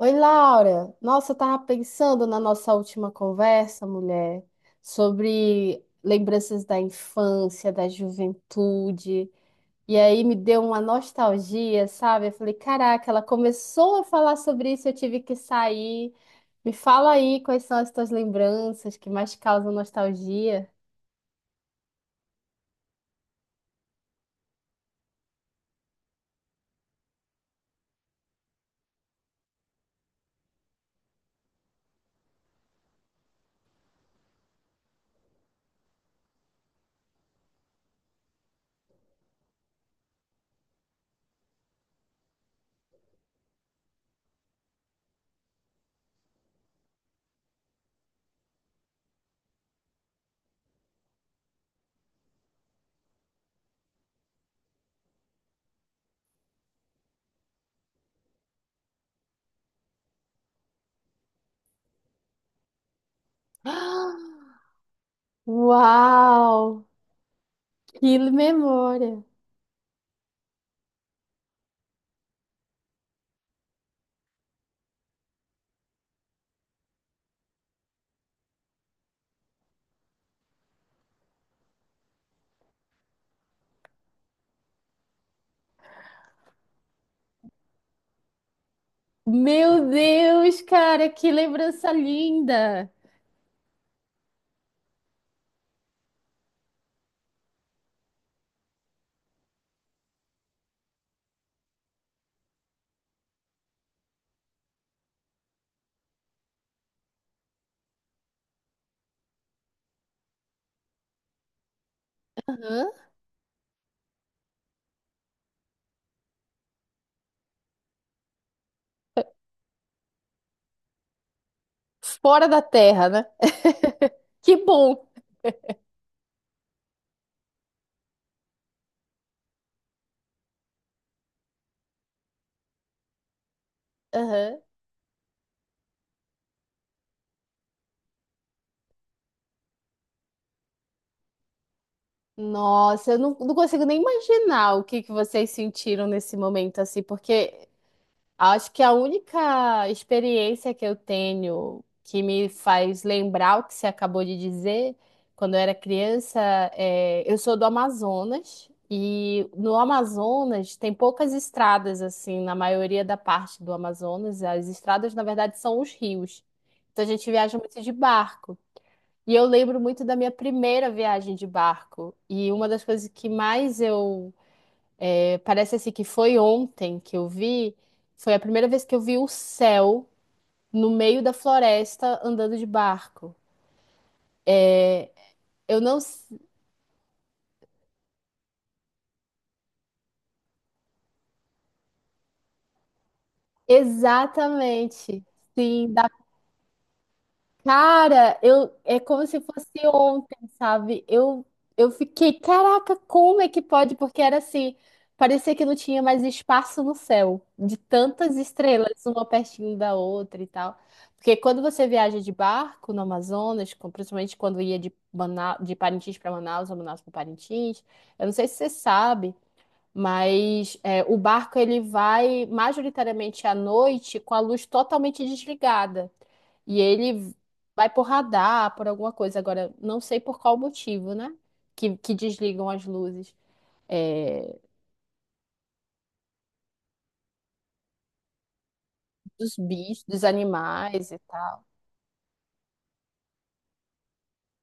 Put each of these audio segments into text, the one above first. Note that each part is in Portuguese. Oi, Laura. Nossa, eu tava pensando na nossa última conversa, mulher, sobre lembranças da infância, da juventude. E aí me deu uma nostalgia, sabe? Eu falei, caraca, ela começou a falar sobre isso, eu tive que sair. Me fala aí quais são as tuas lembranças que mais causam nostalgia. Uau, que memória! Meu Deus, cara, que lembrança linda! Aham. Fora da Terra, né? Que bom. Aham. Nossa, eu não, não consigo nem imaginar o que que vocês sentiram nesse momento, assim, porque acho que a única experiência que eu tenho que me faz lembrar o que você acabou de dizer, quando eu era criança, é, eu sou do Amazonas, e no Amazonas tem poucas estradas, assim, na maioria da parte do Amazonas, as estradas, na verdade, são os rios. Então a gente viaja muito de barco. E eu lembro muito da minha primeira viagem de barco. E uma das coisas que mais eu. Parece assim que foi ontem que eu vi. Foi a primeira vez que eu vi o céu no meio da floresta andando de barco. Eu não. s- Exatamente. Sim, cara, eu é como se fosse ontem, sabe? Eu fiquei, caraca, como é que pode? Porque era assim, parecia que não tinha mais espaço no céu, de tantas estrelas, uma pertinho da outra e tal. Porque quando você viaja de barco no Amazonas, principalmente quando ia de de Parintins para Manaus, ou Manaus para Parintins, eu não sei se você sabe, mas é, o barco ele vai majoritariamente à noite com a luz totalmente desligada. E ele vai por radar, por alguma coisa. Agora, não sei por qual motivo, né? Que desligam as luzes é, dos bichos, dos animais e tal.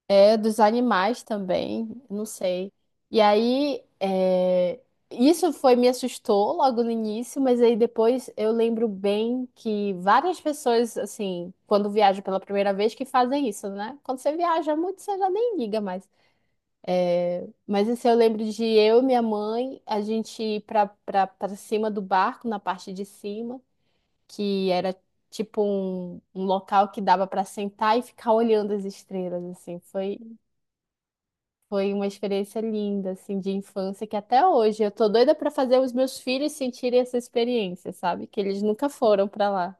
É, dos animais também, não sei. E aí, é, isso foi, me assustou logo no início, mas aí depois eu lembro bem que várias pessoas, assim, quando viajam pela primeira vez, que fazem isso, né? Quando você viaja muito, você já nem liga mais. Mas isso eu lembro de eu e minha mãe, a gente ir pra cima do barco, na parte de cima, que era tipo um, um local que dava pra sentar e ficar olhando as estrelas, assim. Foi, foi uma experiência linda, assim, de infância, que até hoje eu tô doida pra fazer os meus filhos sentirem essa experiência, sabe? Que eles nunca foram pra lá.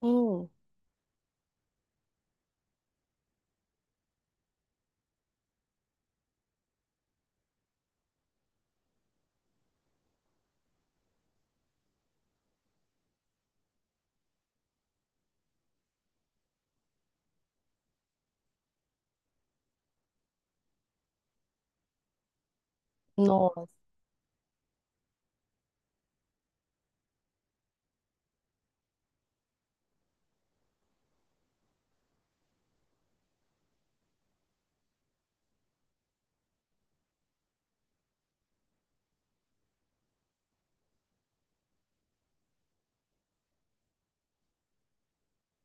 Hum, Nossa,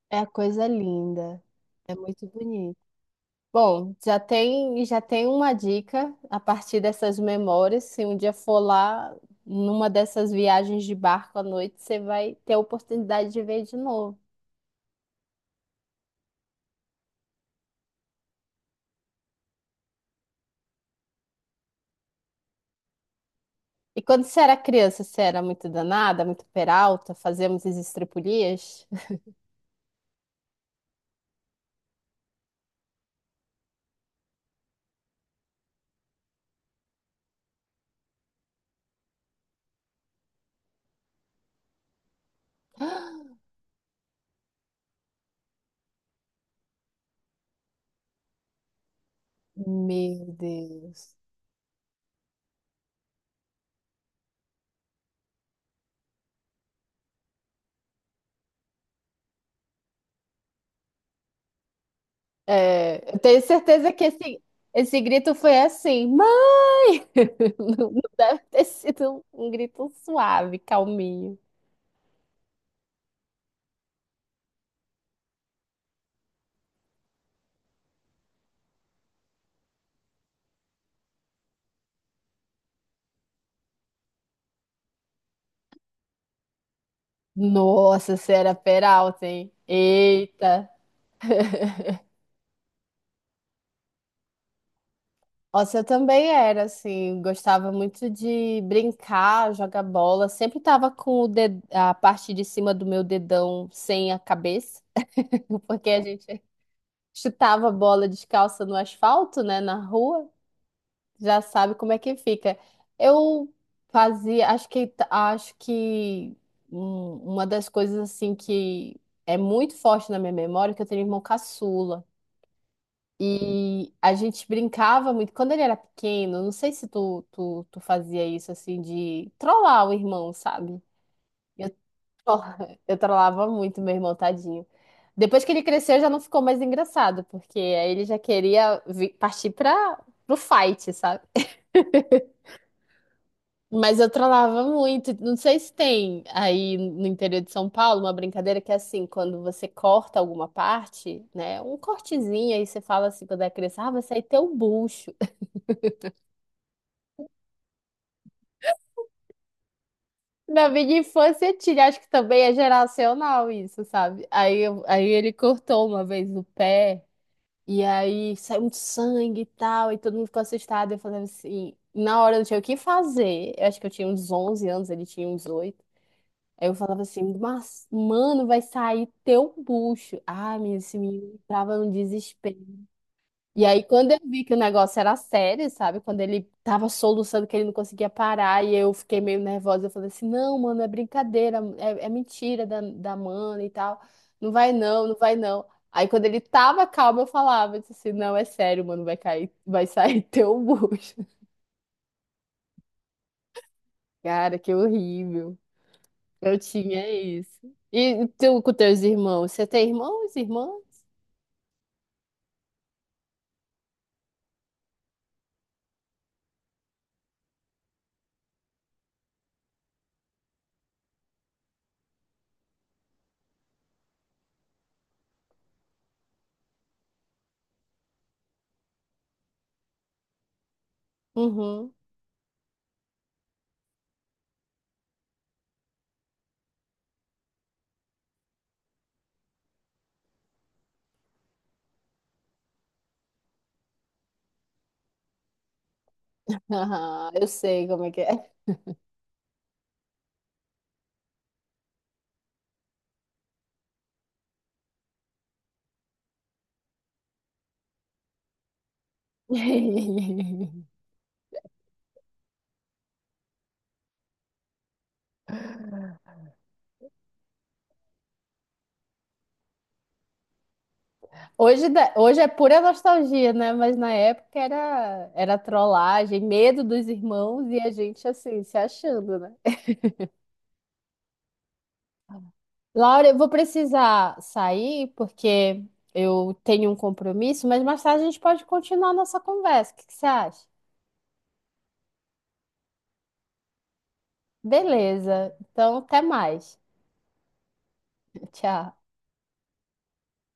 é a coisa linda. É muito bonito. Bom, já tem uma dica a partir dessas memórias. Se um dia for lá, numa dessas viagens de barco à noite, você vai ter a oportunidade de ver de novo. E quando você era criança, você era muito danada, muito peralta, fazíamos as estripulias? Meu Deus. É, eu tenho certeza que esse grito foi assim, mãe! Não, não deve ter sido um grito suave, calminho. Nossa, você era peralta, hein? Eita! Nossa, eu também era, assim, gostava muito de brincar, jogar bola. Sempre tava com o ded- a parte de cima do meu dedão sem a cabeça, porque a gente chutava a bola descalça no asfalto, né, na rua. Já sabe como é que fica. Eu fazia, acho que uma das coisas, assim, que é muito forte na minha memória, é que eu tenho um irmão caçula. E a gente brincava muito. Quando ele era pequeno, não sei se tu fazia isso assim de trollar o irmão, sabe? Eu, tro- eu trollava muito meu irmão, tadinho. Depois que ele cresceu, já não ficou mais engraçado, porque aí ele já queria partir para pro fight, sabe? Mas eu trollava muito. Não sei se tem aí no interior de São Paulo uma brincadeira que é assim, quando você corta alguma parte, né? Um cortezinho, aí você fala assim, quando é criança, ah, vai sair teu bucho. Na minha infância tinha, acho que também é geracional isso, sabe? Aí, aí ele cortou uma vez o pé, e aí saiu muito sangue e tal, e todo mundo ficou assustado. Eu falava assim, na hora eu não tinha o que fazer, eu acho que eu tinha uns 11 anos, ele tinha uns oito. Aí eu falava assim, mas, mano, vai sair teu bucho. Ah, menina, esse menino entrava num desespero. E aí, quando eu vi que o negócio era sério, sabe? Quando ele tava soluçando que ele não conseguia parar e eu fiquei meio nervosa, eu falei assim: não, mano, é brincadeira, é mentira da mana e tal. Não vai não, não vai não. Aí, quando ele tava calmo, eu falava eu disse assim: não, é sério, mano, vai cair, vai sair teu bucho. Cara, que horrível. Eu tinha isso. E tu com teus irmãos? Você tem irmãos, irmã? Uhum. Aham, eu sei como é que é. Hoje é pura nostalgia, né? Mas na época era, era trollagem, medo dos irmãos e a gente assim, se achando, né? Laura, eu vou precisar sair porque eu tenho um compromisso, mas mais tarde a gente pode continuar a nossa conversa. O que que você acha? Beleza. Então, até mais. Tchau.